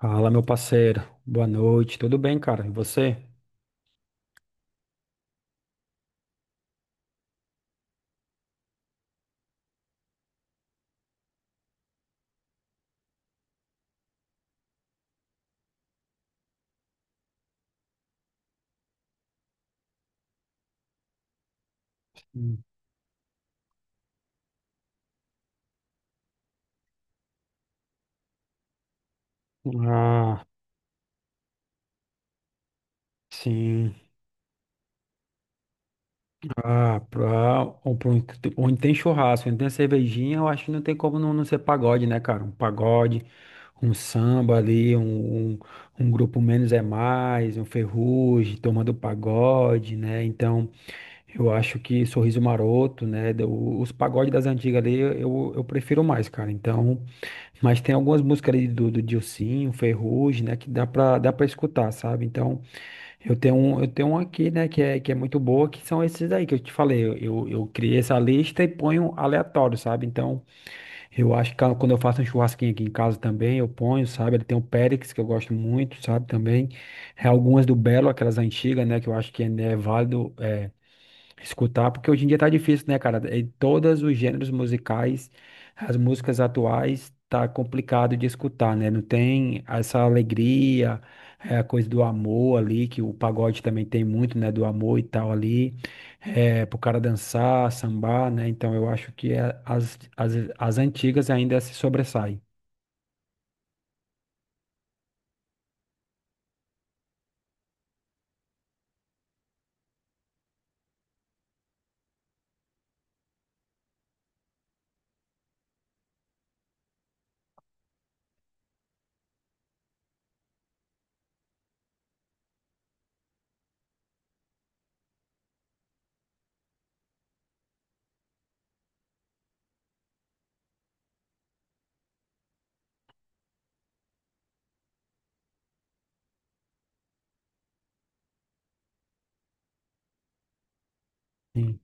Fala, meu parceiro. Boa noite. Tudo bem, cara? E você? Hum. Ah, sim. Pra onde tem churrasco, onde tem cervejinha, eu acho que não tem como não ser pagode, né, cara? Um pagode, um samba ali, um grupo menos é mais, um ferrugem, tomando pagode, né? Então, eu acho que Sorriso Maroto, né? Os pagodes das antigas ali, eu prefiro mais, cara. Então. Mas tem algumas músicas ali do Dilsinho, Ferrugem, né, que dá pra escutar, sabe? Então, eu tenho um aqui, né, que é muito boa, que são esses aí que eu te falei. Eu criei essa lista e ponho aleatório, sabe? Então, eu acho que quando eu faço um churrasquinho aqui em casa também, eu ponho, sabe? Ele tem o Périx, que eu gosto muito, sabe? Também. É algumas do Belo, aquelas antigas, né, que eu acho que ainda é válido escutar, porque hoje em dia tá difícil, né, cara? Em todos os gêneros musicais, as músicas atuais, tá complicado de escutar, né? Não tem essa alegria, é a coisa do amor ali, que o pagode também tem muito, né? Do amor e tal ali, é, pro cara dançar, sambar, né? Então eu acho que as antigas ainda se sobressaem. Sim,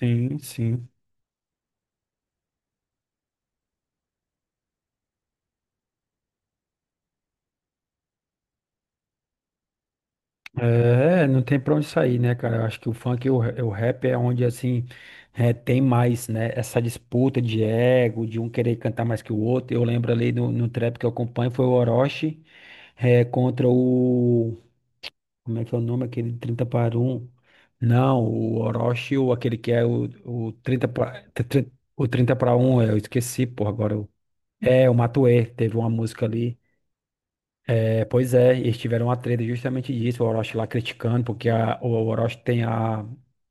sim. Sim. É, não tem pra onde sair, né, cara? Eu acho que o funk e o rap é onde, assim, é, tem mais, né? Essa disputa de ego, de um querer cantar mais que o outro. Eu lembro ali no trap que eu acompanho, foi o Orochi, é, contra o... Como é que é o nome? Aquele 30 para um? Não, o Orochi, ou aquele que é o 30 para... O 30 para um? Eu esqueci, pô, agora. É, o Matuê, teve uma música ali. É, pois é, eles tiveram uma treta justamente disso, o Orochi lá criticando, porque o Orochi tem a,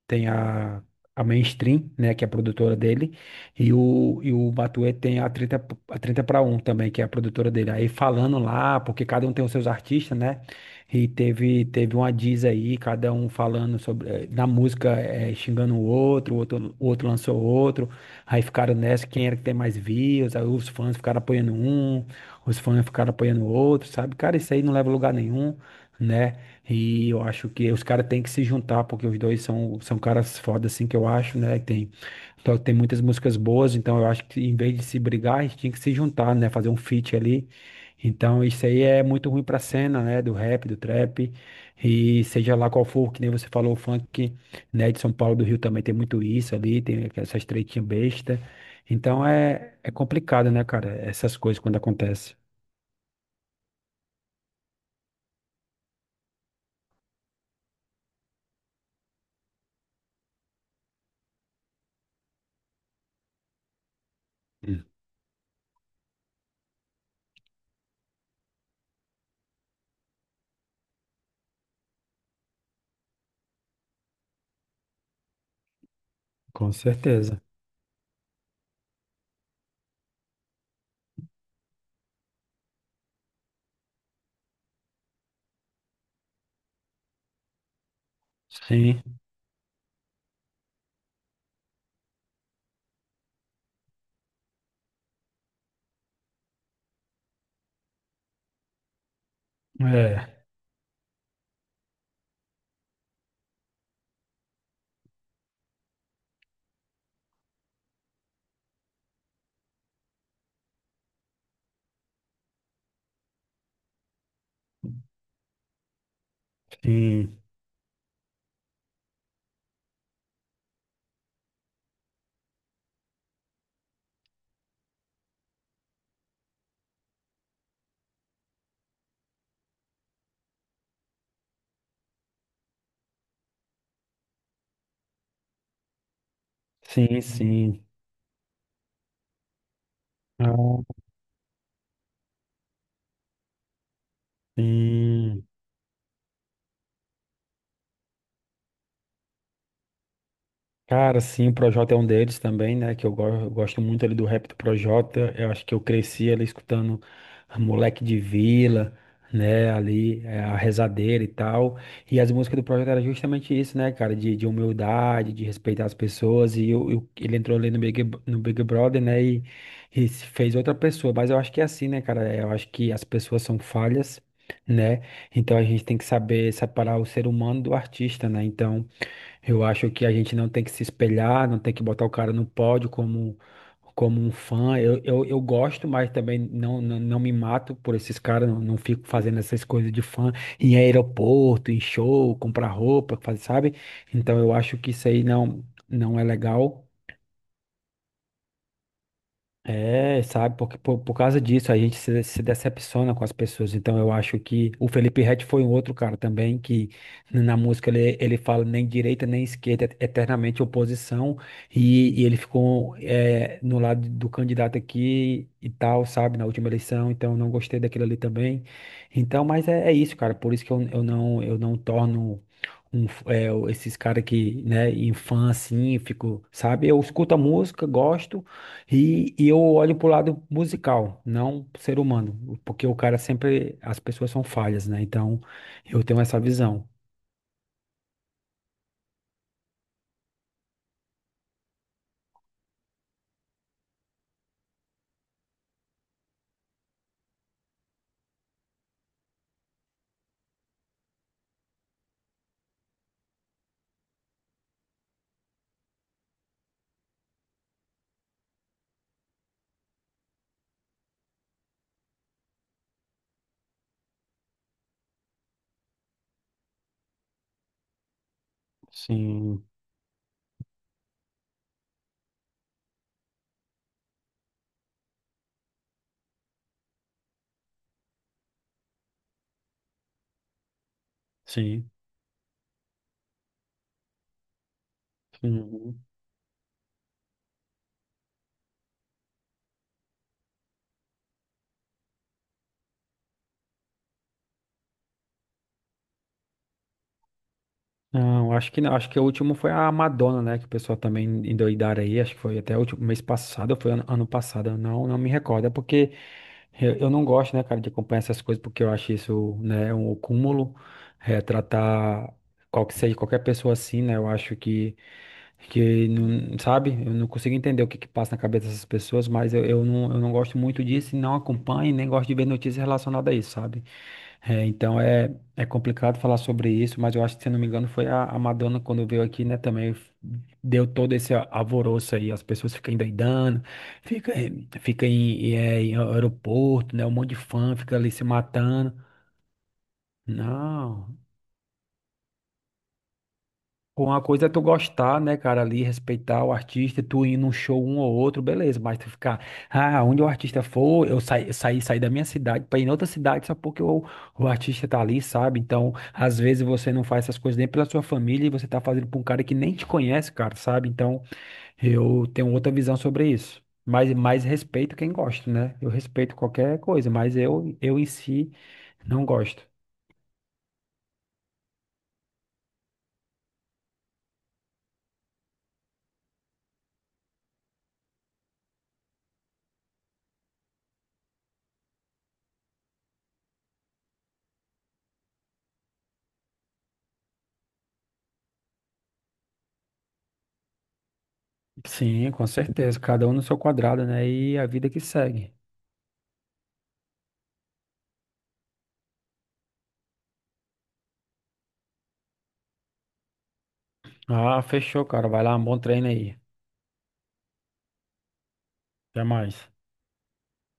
tem a, a Mainstream, né, que é a produtora dele, e o Matuê tem a 30 para um também, que é a produtora dele. Aí falando lá, porque cada um tem os seus artistas, né? E teve uma diz aí, cada um falando sobre, eh, na música, eh, xingando o outro, o outro lançou outro, aí ficaram nessa, quem era que tem mais views, aí os fãs ficaram apoiando um, os fãs ficaram apoiando o outro, sabe? Cara, isso aí não leva a lugar nenhum, né? E eu acho que os caras têm que se juntar, porque os dois são caras foda, assim, que eu acho, né? Tem, então, tem muitas músicas boas, então eu acho que em vez de se brigar, a gente tinha que se juntar, né? Fazer um feat ali. Então, isso aí é muito ruim pra cena, né? Do rap, do trap, e seja lá qual for, que nem você falou, o funk, né? De São Paulo, do Rio também tem muito isso ali, tem essas tretinhas besta. Então, é, é complicado, né, cara? Essas coisas quando acontecem. Hum. Com certeza. Sim, é, sim, sim, sim. Ah, sim. Cara, sim, o Projota é um deles também, né? Que eu, eu gosto muito ali do rap do Projota. Eu acho que eu cresci ali escutando Moleque de Vila, né? Ali, é, a Rezadeira e tal. E as músicas do Projota era justamente isso, né, cara? De humildade, de respeitar as pessoas. E ele entrou ali no no Big Brother, né? E se fez outra pessoa. Mas eu acho que é assim, né, cara? Eu acho que as pessoas são falhas, né? Então a gente tem que saber separar o ser humano do artista, né? Então. Eu acho que a gente não tem que se espelhar, não tem que botar o cara no pódio como, como um fã. Eu gosto, mas também não me mato por esses caras, não, não fico fazendo essas coisas de fã em aeroporto, em show, comprar roupa, fazer, sabe? Então eu acho que isso aí não, não é legal. É, sabe, porque por causa disso a gente se decepciona com as pessoas. Então eu acho que o Felipe Ret foi um outro cara também que na música ele fala nem direita nem esquerda, é eternamente oposição, e ele ficou é, no lado do candidato aqui e tal, sabe, na última eleição, então eu não gostei daquilo ali também. Então, mas é, é isso, cara, por isso que eu não torno é, esses caras que, né, em fã assim, fico, sabe? Eu escuto a música, gosto. E eu olho pro lado musical, não pro ser humano, porque o cara sempre, as pessoas são falhas, né? Então, eu tenho essa visão. Sim, sim. Uhum. Não, acho que não, acho que o último foi a Madonna, né? Que o pessoal também endoidaram aí, acho que foi até o último mês passado, ou foi ano passado, eu não me recordo, é porque eu não gosto, né, cara, de acompanhar essas coisas, porque eu acho isso, né, um cúmulo, é, tratar qual que seja, qualquer pessoa assim, né? Eu acho que não, sabe? Eu não consigo entender o que que passa na cabeça dessas pessoas, mas eu não gosto muito disso e não acompanho, e nem gosto de ver notícias relacionadas a isso, sabe? É, então é, é complicado falar sobre isso, mas eu acho que, se eu não me engano, foi a Madonna quando veio aqui, né? Também deu todo esse alvoroço aí, as pessoas ficam endoidando, fica, fica é, em aeroporto, né? Um monte de fã fica ali se matando. Não. Com uma coisa é tu gostar, né, cara, ali, respeitar o artista, tu ir num show um ou outro, beleza, mas tu ficar, ah, onde o artista for, eu saí da minha cidade pra ir em outra cidade só porque o artista tá ali, sabe? Então, às vezes você não faz essas coisas nem pela sua família e você tá fazendo pra um cara que nem te conhece, cara, sabe? Então, eu tenho outra visão sobre isso. Mas respeito quem gosta, né? Eu respeito qualquer coisa, mas eu em si não gosto. Sim, com certeza, cada um no seu quadrado, né? E a vida que segue. Ah, fechou, cara. Vai lá, um bom treino aí. Até mais.